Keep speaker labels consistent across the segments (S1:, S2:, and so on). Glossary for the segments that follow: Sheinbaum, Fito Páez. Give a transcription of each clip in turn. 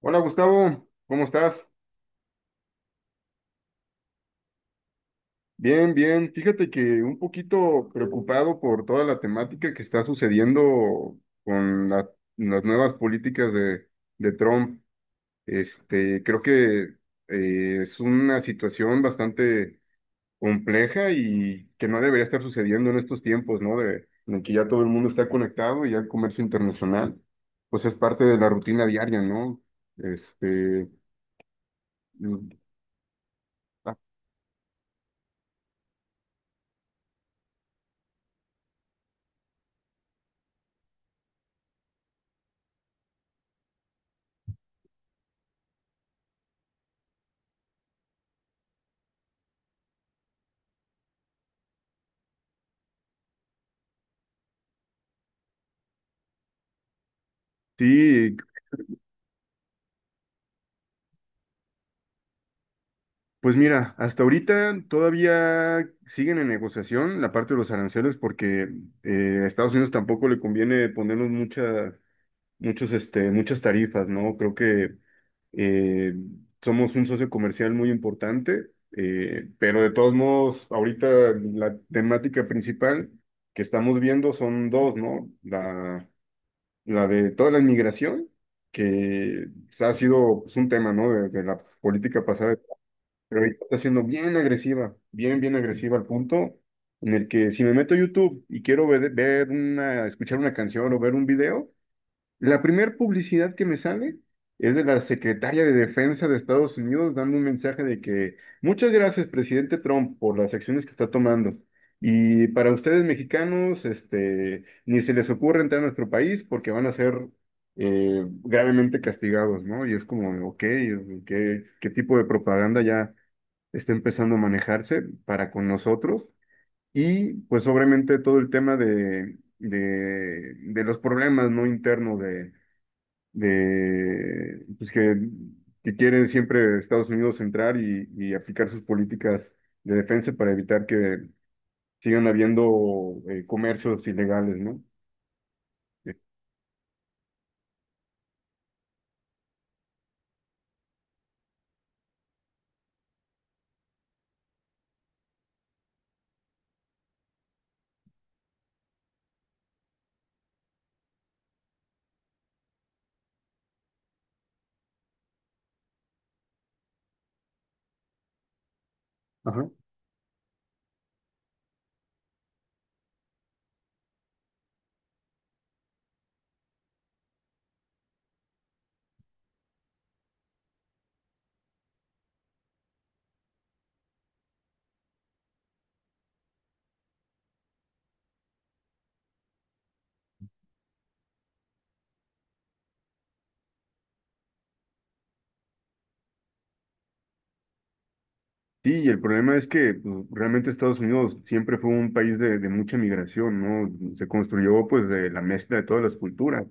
S1: Hola Gustavo, ¿cómo estás? Bien, bien. Fíjate que un poquito preocupado por toda la temática que está sucediendo con las nuevas políticas de Trump. Creo que es una situación bastante compleja y que no debería estar sucediendo en estos tiempos, ¿no? De, en el que ya todo el mundo está conectado y ya el comercio internacional, pues es parte de la rutina diaria, ¿no? Este, mm, ah, Sí. Pues mira, hasta ahorita todavía siguen en negociación la parte de los aranceles porque a Estados Unidos tampoco le conviene ponernos muchas tarifas, ¿no? Creo que eh, somos un socio comercial muy importante, pero de todos modos, ahorita la temática principal que estamos viendo son dos, ¿no? La de toda la inmigración, que ha sido pues, un tema, ¿no? de la política pasada, pero ahorita está siendo bien agresiva, bien agresiva al punto en el que si me meto a YouTube y quiero ver una, escuchar una canción o ver un video, la primera publicidad que me sale es de la secretaria de Defensa de Estados Unidos dando un mensaje de que muchas gracias, presidente Trump, por las acciones que está tomando. Y para ustedes mexicanos, ni se les ocurre entrar a nuestro país porque van a ser gravemente castigados, ¿no? Y es como, ok, ¿qué tipo de propaganda ya está empezando a manejarse para con nosotros? Y pues obviamente todo el tema de los problemas no internos de pues que quiere siempre Estados Unidos entrar y aplicar sus políticas de defensa para evitar que sigan habiendo comercios ilegales, ¿no? Eh, Ajá. Sí, y el problema es que pues, realmente Estados Unidos siempre fue un país de mucha migración, ¿no? Se construyó pues de la mezcla de todas las culturas.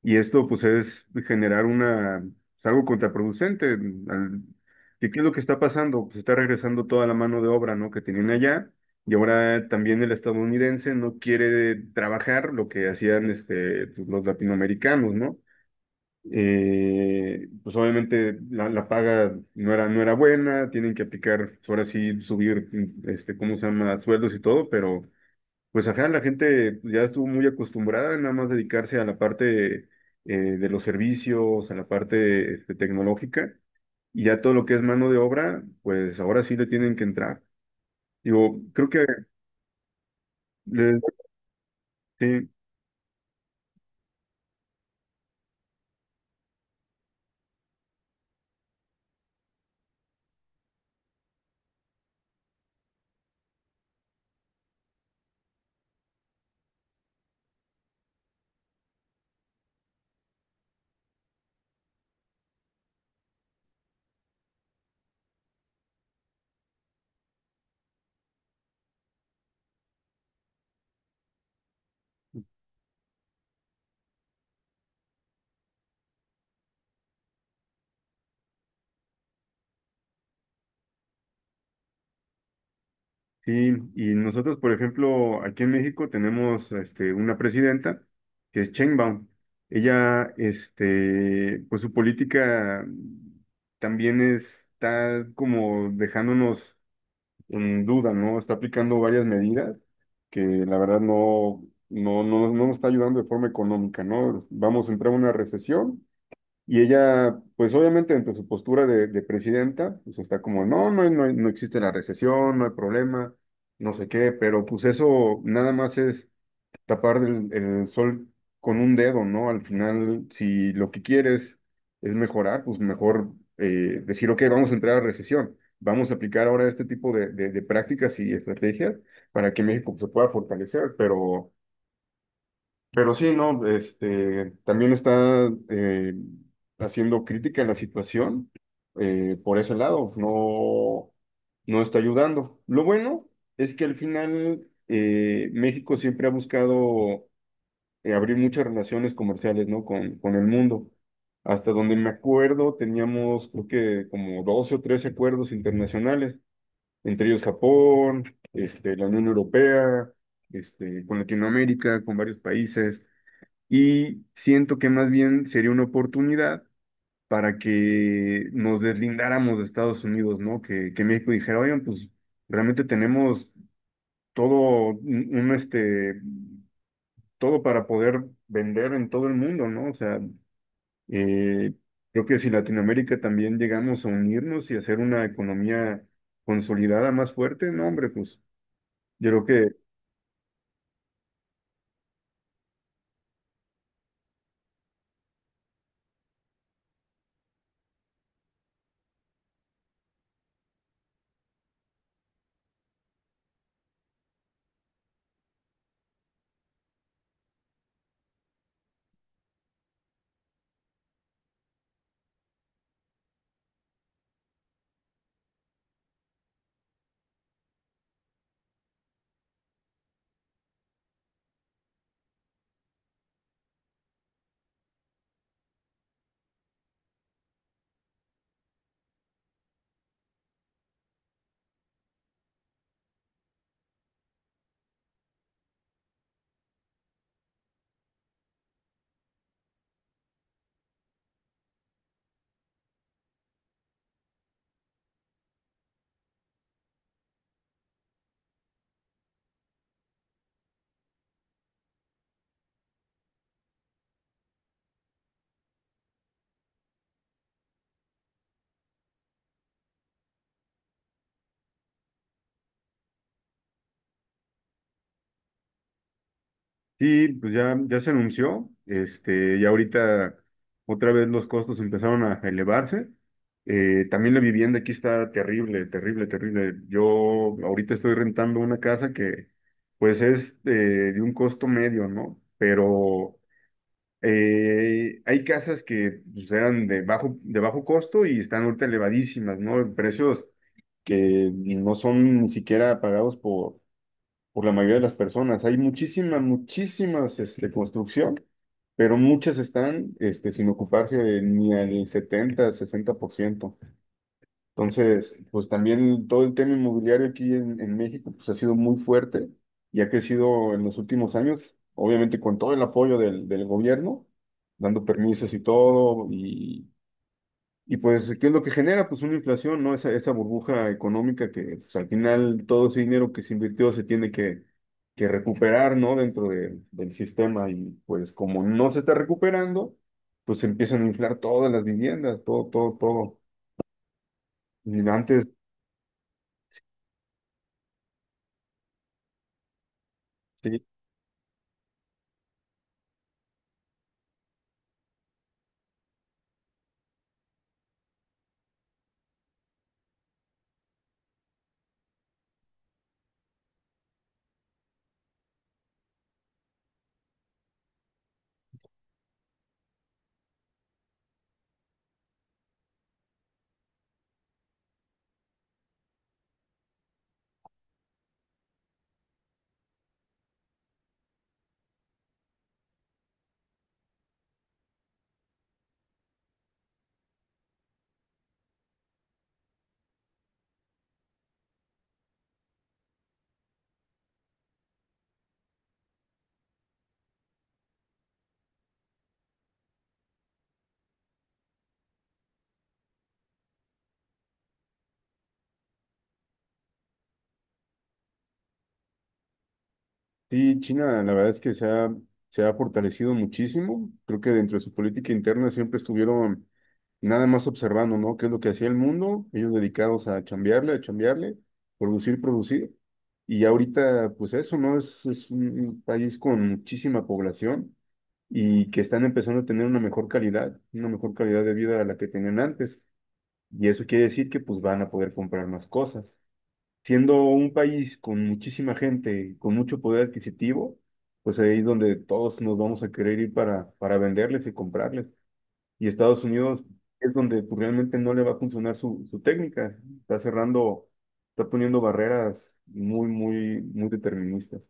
S1: Y esto pues es generar una, es algo contraproducente. ¿Qué, qué es lo que está pasando? Pues está regresando toda la mano de obra, ¿no? Que tenían allá y ahora también el estadounidense no quiere trabajar lo que hacían pues, los latinoamericanos, ¿no? Pues obviamente la paga no era buena, tienen que aplicar, pues, ahora sí subir, ¿cómo se llama? Sueldos y todo, pero pues ajá, la gente ya estuvo muy acostumbrada a nada más dedicarse a la parte de los servicios, a la parte tecnológica, y ya todo lo que es mano de obra, pues ahora sí le tienen que entrar. Digo, creo que le- sí, sí, y nosotros, por ejemplo, aquí en México tenemos una presidenta que es Sheinbaum. Ella, pues su política también está como dejándonos en duda, ¿no? Está aplicando varias medidas que la verdad no nos está ayudando de forma económica, ¿no? Vamos a entrar en una recesión y ella, pues obviamente, entre su postura de presidenta, pues está como, no, no, no, no existe la recesión, no hay problema, no sé qué, pero pues eso nada más es tapar el sol con un dedo, ¿no? Al final, si lo que quieres es mejorar, pues mejor decir, ok, vamos a entrar a recesión, vamos a aplicar ahora este tipo de prácticas y estrategias para que México se pueda fortalecer, pero sí, ¿no? También está haciendo crítica a la situación por ese lado, no, no está ayudando. Lo bueno es que al final México siempre ha buscado abrir muchas relaciones comerciales, ¿no? Con el mundo. Hasta donde me acuerdo, teníamos creo que como 12 o 13 acuerdos internacionales, entre ellos Japón, la Unión Europea, con Latinoamérica, con varios países, y siento que más bien sería una oportunidad para que nos deslindáramos de Estados Unidos, ¿no? Que México dijera, oigan, pues realmente tenemos todo todo para poder vender en todo el mundo, ¿no? O sea, Eh, creo que si Latinoamérica también llegamos a unirnos y hacer una economía consolidada más fuerte, no, hombre, pues yo creo que sí, pues ya, ya se anunció, ya ahorita otra vez los costos empezaron a elevarse. También la vivienda aquí está terrible, terrible, terrible. Yo ahorita estoy rentando una casa que pues es de un costo medio, ¿no? Pero hay casas que pues, eran de bajo costo y están ahorita elevadísimas, ¿no? En precios que no son ni siquiera pagados por la mayoría de las personas. Hay muchísimas, muchísimas construcción, pero muchas están sin ocuparse de ni al 70, 60%. Entonces, pues también todo el tema inmobiliario aquí en México pues ha sido muy fuerte y ha crecido en los últimos años, obviamente con todo el apoyo del gobierno, dando permisos y todo, y pues, ¿qué es lo que genera? Pues una inflación, ¿no? Esa burbuja económica que pues, al final todo ese dinero que se invirtió se tiene que recuperar, ¿no? Del sistema y pues como no se está recuperando, pues se empiezan a inflar todas las viviendas, todo, todo, todo. Y antes... sí, sí, China, la verdad es que se ha fortalecido muchísimo. Creo que dentro de su política interna siempre estuvieron nada más observando, ¿no? ¿Qué es lo que hacía el mundo? Ellos dedicados a chambearle, producir, producir. Y ahorita, pues eso, ¿no? Es un país con muchísima población y que están empezando a tener una mejor calidad de vida a la que tenían antes. Y eso quiere decir que pues van a poder comprar más cosas siendo un país con muchísima gente, con mucho poder adquisitivo, pues ahí es donde todos nos vamos a querer ir para venderles y comprarles. Y Estados Unidos es donde pues, realmente no le va a funcionar su técnica. Está cerrando, está poniendo barreras muy, muy, muy deterministas.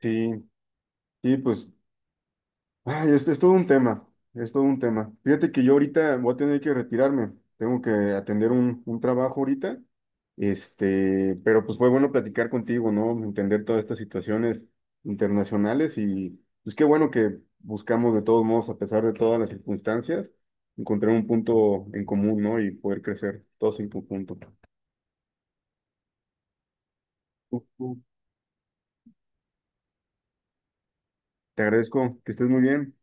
S1: Sí, sí, pues ay, es todo un tema, es todo un tema. Fíjate que yo ahorita voy a tener que retirarme, tengo que atender un trabajo ahorita, pero pues fue bueno platicar contigo, ¿no? Entender todas estas situaciones internacionales y pues qué bueno que buscamos de todos modos, a pesar de todas las circunstancias, encontrar un punto en común, ¿no? Y poder crecer todos en conjunto. Te agradezco, que estés muy bien.